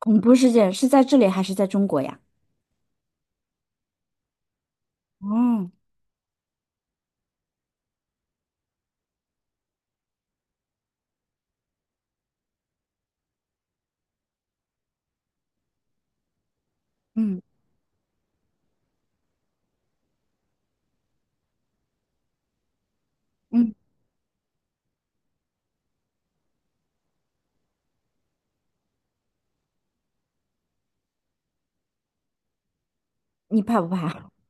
恐怖事件是在这里还是在中国呀？哦，嗯嗯，你怕不怕？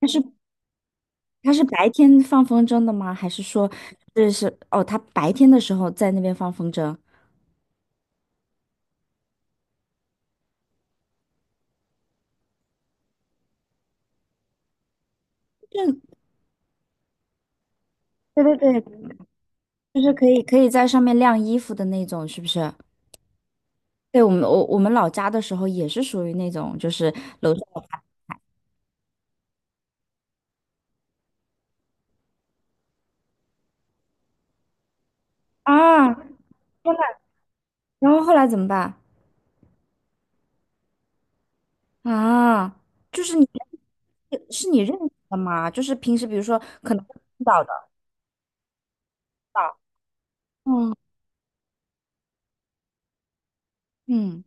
他是白天放风筝的吗？还是说这是哦，他白天的时候在那边放风筝？这对对对，就是可以在上面晾衣服的那种，是不是？对，我们老家的时候也是属于那种，就是楼上有啊，天呐，然后后来怎么办啊？就是你认识的吗？就是平时比如说可能会碰到的，啊嗯嗯。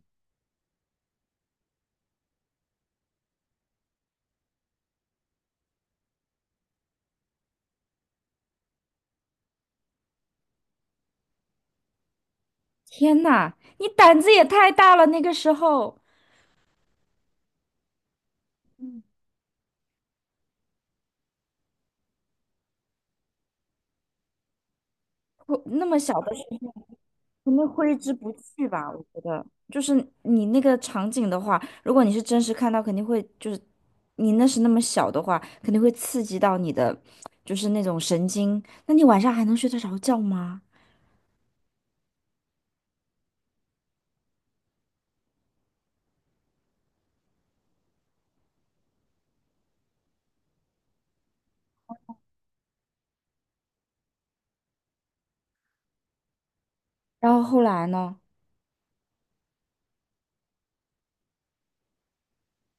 天呐，你胆子也太大了！那个时候，嗯，那么小的时候肯定挥之不去吧？我觉得，就是你那个场景的话，如果你是真实看到，肯定会就是你那时那么小的话，肯定会刺激到你的，就是那种神经。那你晚上还能睡得着觉吗？然后后来呢？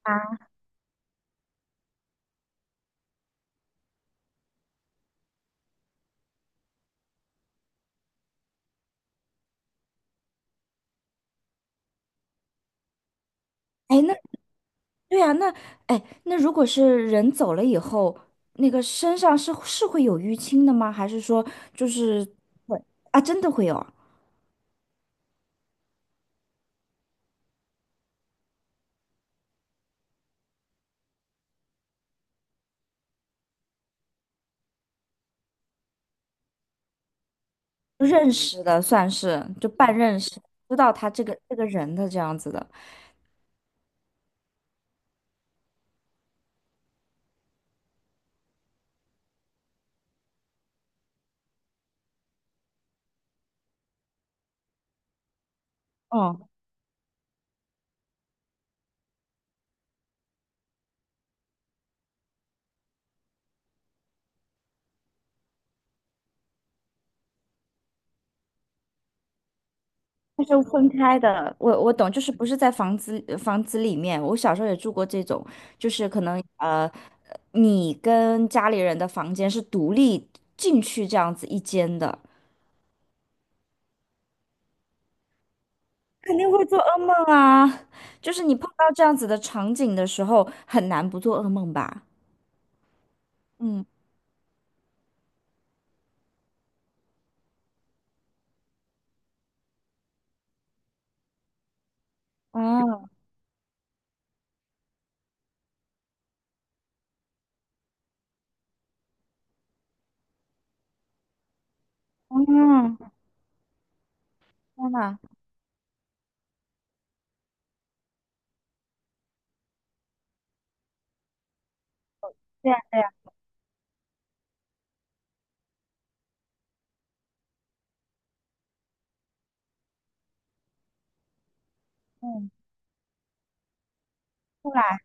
啊，哎，那对啊，那哎，那如果是人走了以后，那个身上是会有淤青的吗？还是说就是会啊，真的会有啊认识的，算是就半认识，知道他这个人的这样子的。嗯但是分开的，我懂，就是不是在房子里面。我小时候也住过这种，就是可能你跟家里人的房间是独立进去这样子一间的，肯定会做噩梦啊。就是你碰到这样子的场景的时候，很难不做噩梦吧？嗯啊，嗯，天呐，对呀对呀，嗯。后来，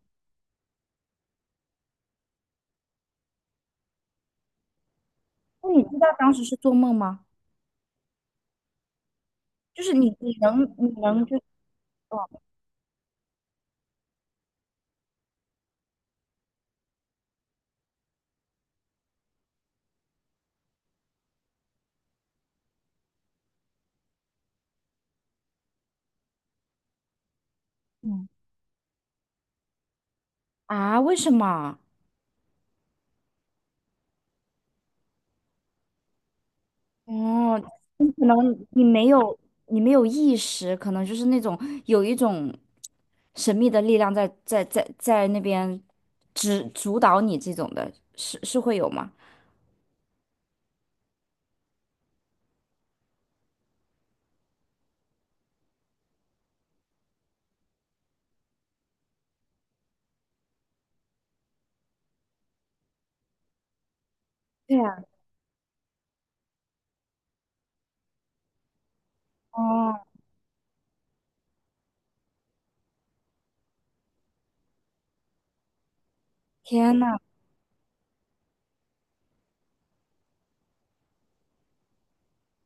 那你知道当时是做梦吗？就是你你能就哦嗯，啊？为什么？哦，你可能你没有你没有意识，可能就是那种有一种神秘的力量在在那边指主导你这种的，是是会有吗？对呀，哦，天呐，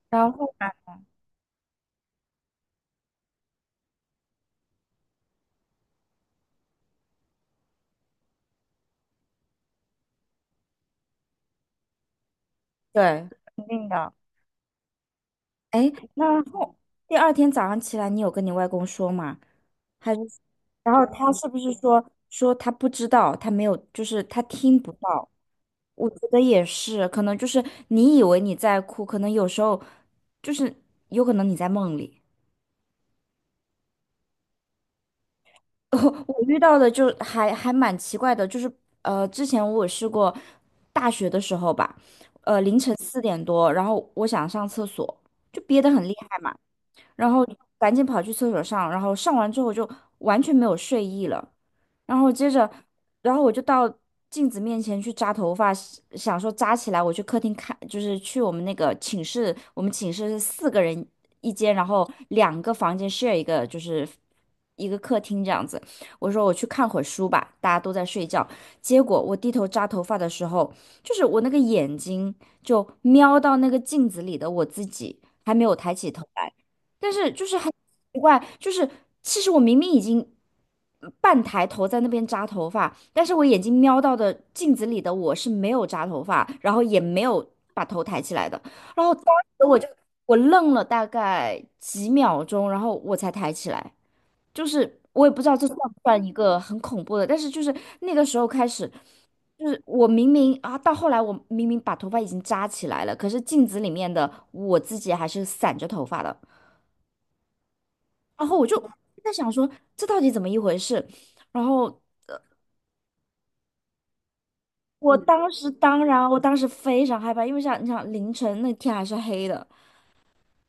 然后对，肯定的。哎，那后第二天早上起来，你有跟你外公说吗？还是，然后他是不是说他不知道，他没有，就是他听不到？我觉得也是，可能就是你以为你在哭，可能有时候就是有可能你在梦里。我遇到的就还蛮奇怪的，就是之前我试过大学的时候吧，凌晨四点多，然后我想上厕所，就憋得很厉害嘛，然后赶紧跑去厕所上，然后上完之后就完全没有睡意了。然后接着，然后我就到镜子面前去扎头发，想说扎起来，我去客厅看，就是去我们那个寝室，我们寝室是四个人一间，然后两个房间 share 一个，就是一个客厅这样子。我说我去看会儿书吧，大家都在睡觉。结果我低头扎头发的时候，就是我那个眼睛就瞄到那个镜子里的我自己，还没有抬起头来。但是就是很奇怪，就是其实我明明已经半抬头在那边扎头发，但是我眼睛瞄到的镜子里的我是没有扎头发，然后也没有把头抬起来的。然后当时我愣了大概几秒钟，然后我才抬起来。就是我也不知道这算不算一个很恐怖的，但是就是那个时候开始。就是我明明啊，到后来我明明把头发已经扎起来了，可是镜子里面的我自己还是散着头发的。然后我就在想说，这到底怎么一回事？然后我当时当然，我当时非常害怕，因为想你想凌晨那天还是黑的，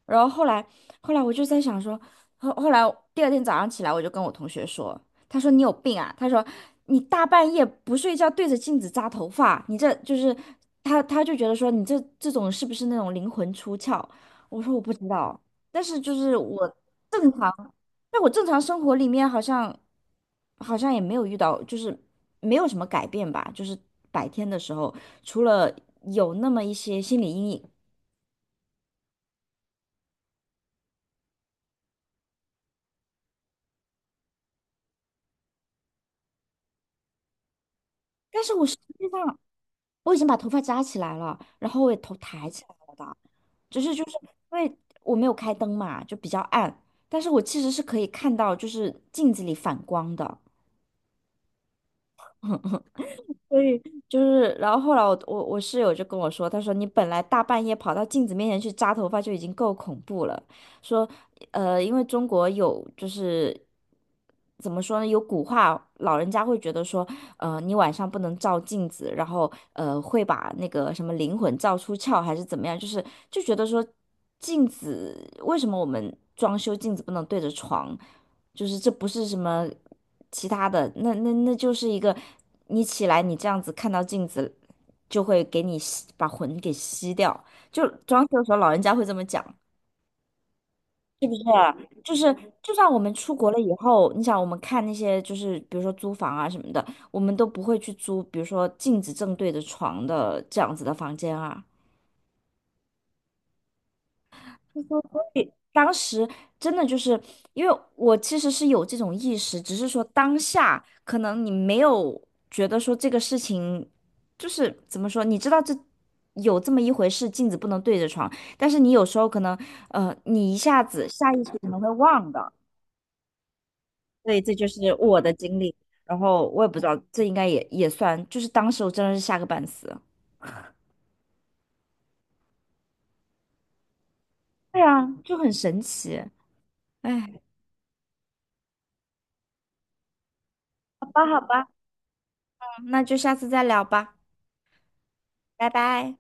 然后后来，后来我就在想说，后来第二天早上起来，我就跟我同学说，他说你有病啊，他说你大半夜不睡觉对着镜子扎头发，你这就是他就觉得说你这种是不是那种灵魂出窍？我说我不知道，但是就是我正常，在我正常生活里面好像也没有遇到，就是没有什么改变吧，就是白天的时候除了有那么一些心理阴影，但是我实际上。我已经把头发扎起来了，然后我也头抬起来了的，只是就是因为我没有开灯嘛，就比较暗，但是我其实是可以看到就是镜子里反光的。所以就是，然后后来我我室友就跟我说，他说你本来大半夜跑到镜子面前去扎头发就已经够恐怖了，说，因为中国有就是怎么说呢，有古话，老人家会觉得说，你晚上不能照镜子，然后会把那个什么灵魂照出窍还是怎么样，就是就觉得说镜子为什么我们装修镜子不能对着床？就是这不是什么其他的，那那就是一个你起来你这样子看到镜子，就会给你吸把魂给吸掉。就装修的时候老人家会这么讲，就是就算我们出国了以后，你想我们看那些就是比如说租房啊什么的，我们都不会去租，比如说镜子正对着床的这样子的房间啊。说：“所以当时真的就是因为我其实是有这种意识，只是说当下可能你没有觉得说这个事情就是怎么说，你知道这有这么一回事，镜子不能对着床，但是你有时候可能你一下子下意识可能会忘的，所以这就是我的经历。然后我也不知道，这应该也算，就是当时我真的是吓个半死。对啊，就很神奇。哎，好吧，好吧，那就下次再聊吧，拜拜。